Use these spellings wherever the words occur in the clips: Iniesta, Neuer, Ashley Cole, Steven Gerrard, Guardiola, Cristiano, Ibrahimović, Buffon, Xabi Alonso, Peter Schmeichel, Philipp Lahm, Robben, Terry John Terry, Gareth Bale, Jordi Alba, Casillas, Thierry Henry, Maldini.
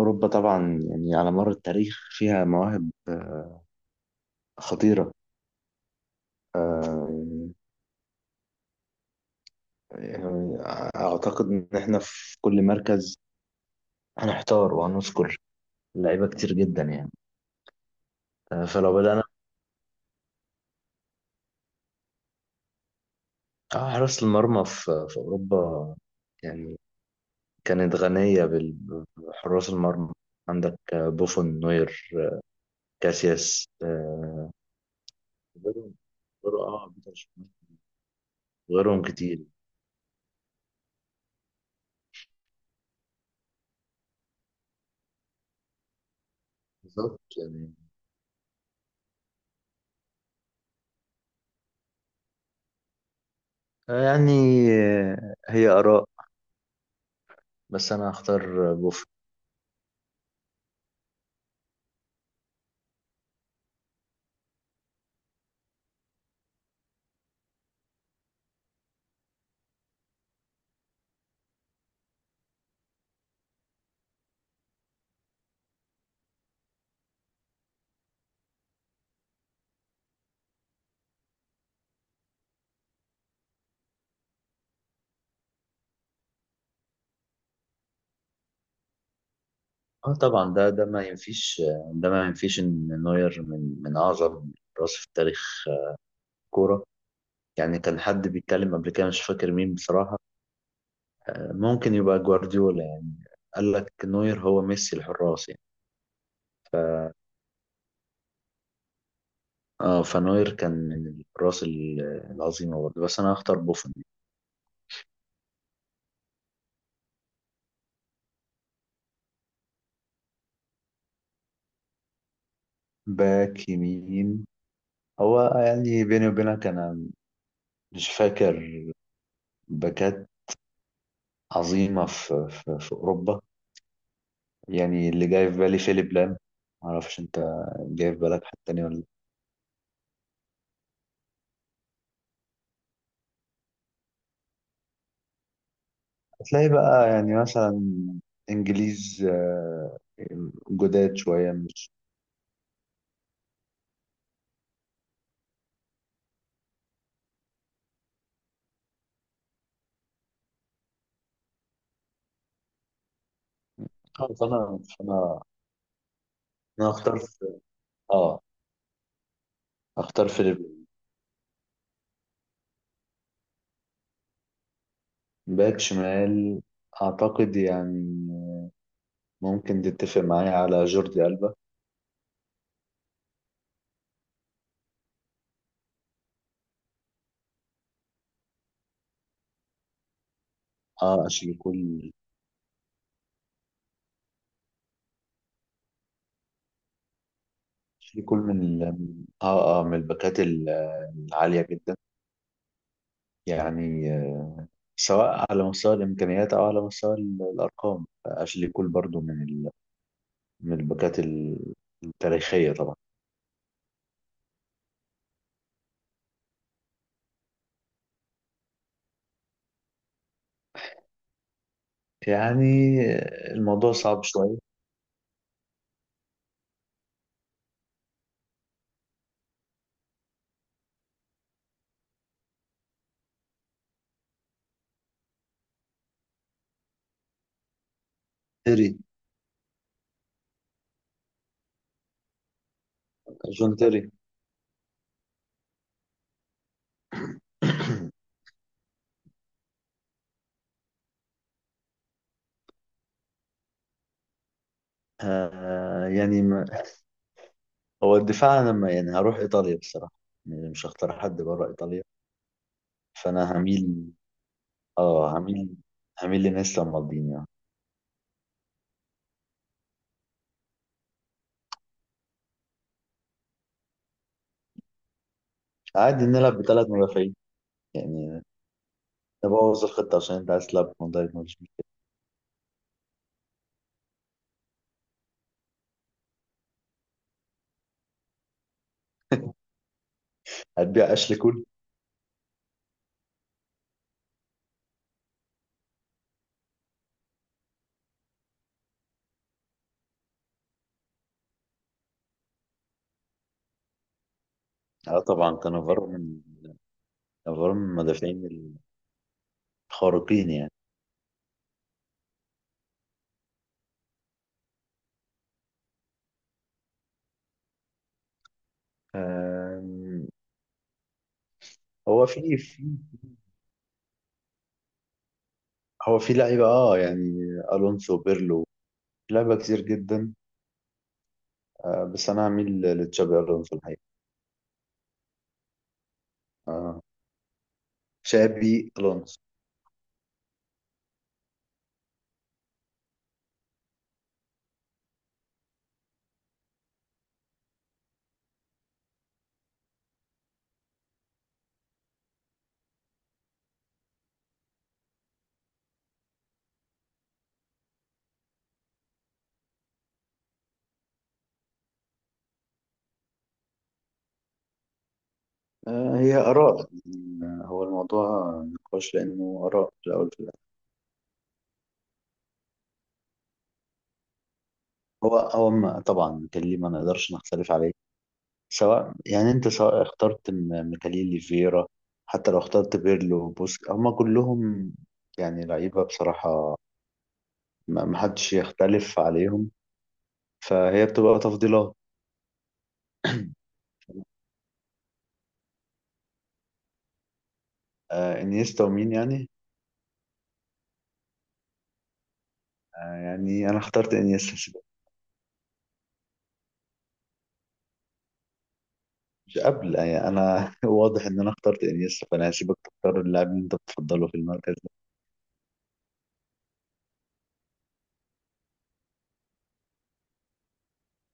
أوروبا طبعا، يعني على مر التاريخ فيها مواهب خطيرة. آه، يعني أعتقد إن إحنا في كل مركز هنحتار وهنذكر لعيبة كتير جدا، يعني فلو بدأنا حراس المرمى في أوروبا، يعني كانت غنية بحراس المرمى. عندك بوفون، نوير، كاسياس، غيرهم، بيتر شمايكل، غيرهم كتير. بالظبط، يعني يعني هي آراء، بس انا هختار بوفون. اه، طبعا ده ما ينفيش، ده ما ينفيش ان نوير من اعظم راس في تاريخ الكوره. يعني كان حد بيتكلم قبل كده، مش فاكر مين بصراحه، ممكن يبقى جوارديولا، يعني قال لك نوير هو ميسي الحراس، يعني اه، فنوير كان من الحراس العظيمه برضه، بس انا هختار بوفون. باك يمين، هو يعني بيني وبينك انا مش فاكر باكات عظيمه في اوروبا. يعني اللي جاي في بالي فيليب لام. معرفش انت جاي في بالك حد تاني ولا لأ. هتلاقي بقى، يعني مثلا انجليز جداد شوية، مش آه، فانا فانا انا هختار في- اه هختار فيليب لام. باك شمال، اعتقد يعني ممكن تتفق معايا على جوردي ألبا. اه، اشيل كل من الباكات العالية جدا. يعني سواء على مستوى الإمكانيات أو على مستوى الأرقام. أشلي كول برضو من الباكات التاريخية طبعا. يعني الموضوع صعب شوية. تيري. جون تيري. يعني ما... هو الدفاع. أنا ما يعني هروح إيطاليا بصراحة. يعني مش هختار حد بره إيطاليا، فأنا هميل آه هميل هميل لناس مالديني، يعني. عادي نلعب بثلاث مدافعين، يعني نبوظ الخطة عشان أنت عايز تلعب بفان دايك هتبيع أشلي كول. اه، طبعا كانافارو يعتبر من المدافعين الخارقين، يعني. آم، هو في لعيبة. اه، يعني الونسو، بيرلو، في لعيبة كتير جدا. بس انا هميل لتشابي الونسو الحقيقة. آه تشابي الونسو. هي اراء، يعني هو الموضوع نقاش لانه اراء في الاول في الاخر. هو هو ما- طبعا ميكاليلي ما نقدرش نختلف عليه. سواء، يعني انت سواء اخترت ميكاليلي، فيرا. حتى لو اخترت بيرلو، بوسك، هما كلهم يعني لعيبة بصراحة، ما حدش يختلف عليهم، فهي بتبقى تفضيلات. انيستا ومين، يعني يعني انا اخترت انيستا، سيبك. مش قبل، يعني انا. واضح ان انا اخترت انيستا، فانا هسيبك تختار اللاعب اللي انت بتفضله في المركز ده.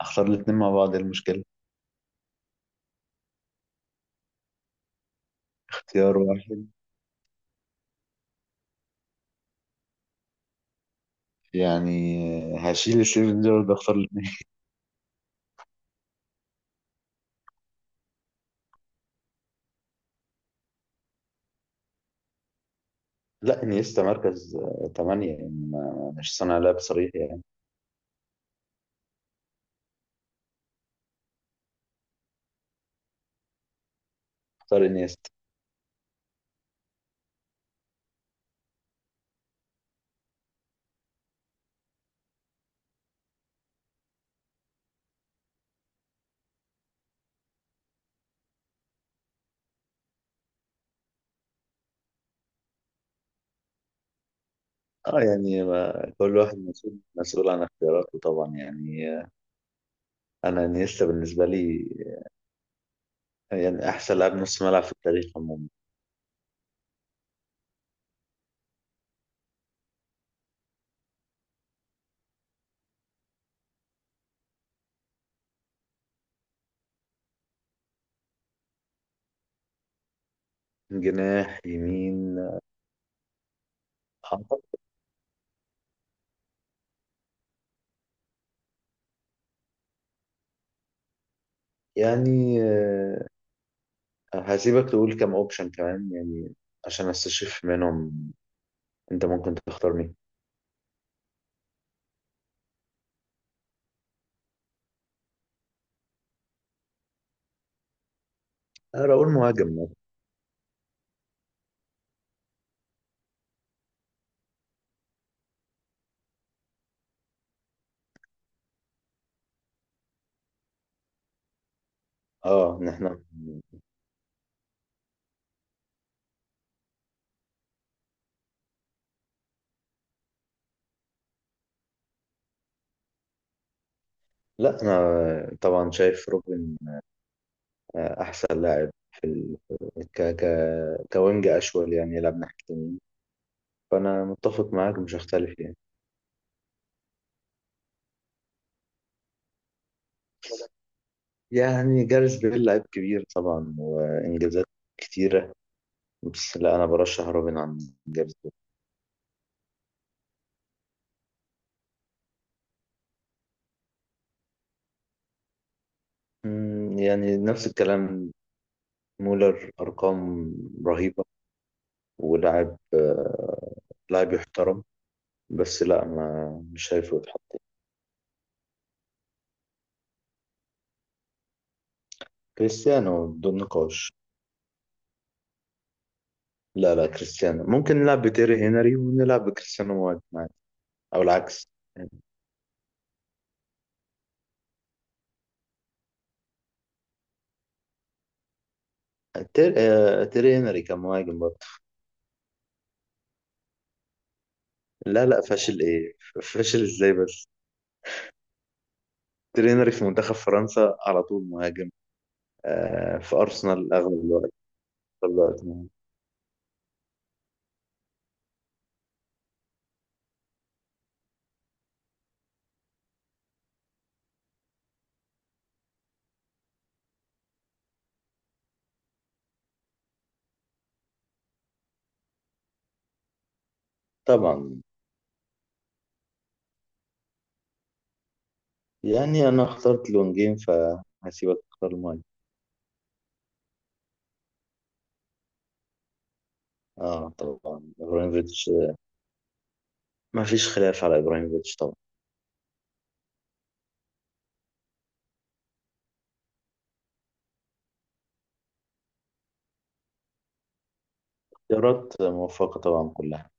اختار الاثنين مع بعض. إيه المشكله؟ اختيار واحد، يعني هشيل ستيفن جيرارد، اختار الاثنين. لا، انيستا مركز تمانية، يعني مش صانع لعب صريح، يعني. اختار انيستا. اه، يعني كل واحد مسؤول عن اختياراته طبعا، يعني انا، انيستا بالنسبه لي يعني أحسن لاعب نص ملعب في التاريخ عموما. جناح يمين. أعتقد، يعني هسيبك تقول كم أوبشن كمان، يعني عشان أستشف منهم أنت ممكن تختار مين. أنا أقول مهاجم مثلاً. إن إحنا. لا، أنا طبعا شايف روبن أحسن لاعب في ال... ك... ك... كوينج أشول، يعني يلعب ناحية اليمين، فأنا متفق معاك، مش هختلف يعني. يعني جاريث بيل لعيب كبير طبعا، وإنجازات كتيرة، بس لا، أنا برشح روبن عن جاريث بيل. مم، يعني نفس الكلام. مولر أرقام رهيبة، ولاعب آه، لاعب يحترم، بس لا ما مش شايفه يتحط. كريستيانو بدون نقاش. لا، لا، كريستيانو، ممكن نلعب بتيري هنري ونلعب بكريستيانو مهاجم عادي، أو العكس. تيري هنري كان مهاجم برضه. لا، لا، فاشل ايه؟ فاشل ازاي بس؟ تيري هنري في منتخب فرنسا على طول مهاجم. في ارسنال اغلب الوقت، أغلب الوقت مهاجم. طبعا. يعني انا اخترت لونجين، فهسيبك تختار الماي. اه، طبعا ابراهيموفيتش. ما فيش خلاف على ابراهيموفيتش طبعا. اختيارات موفقة طبعا كلها.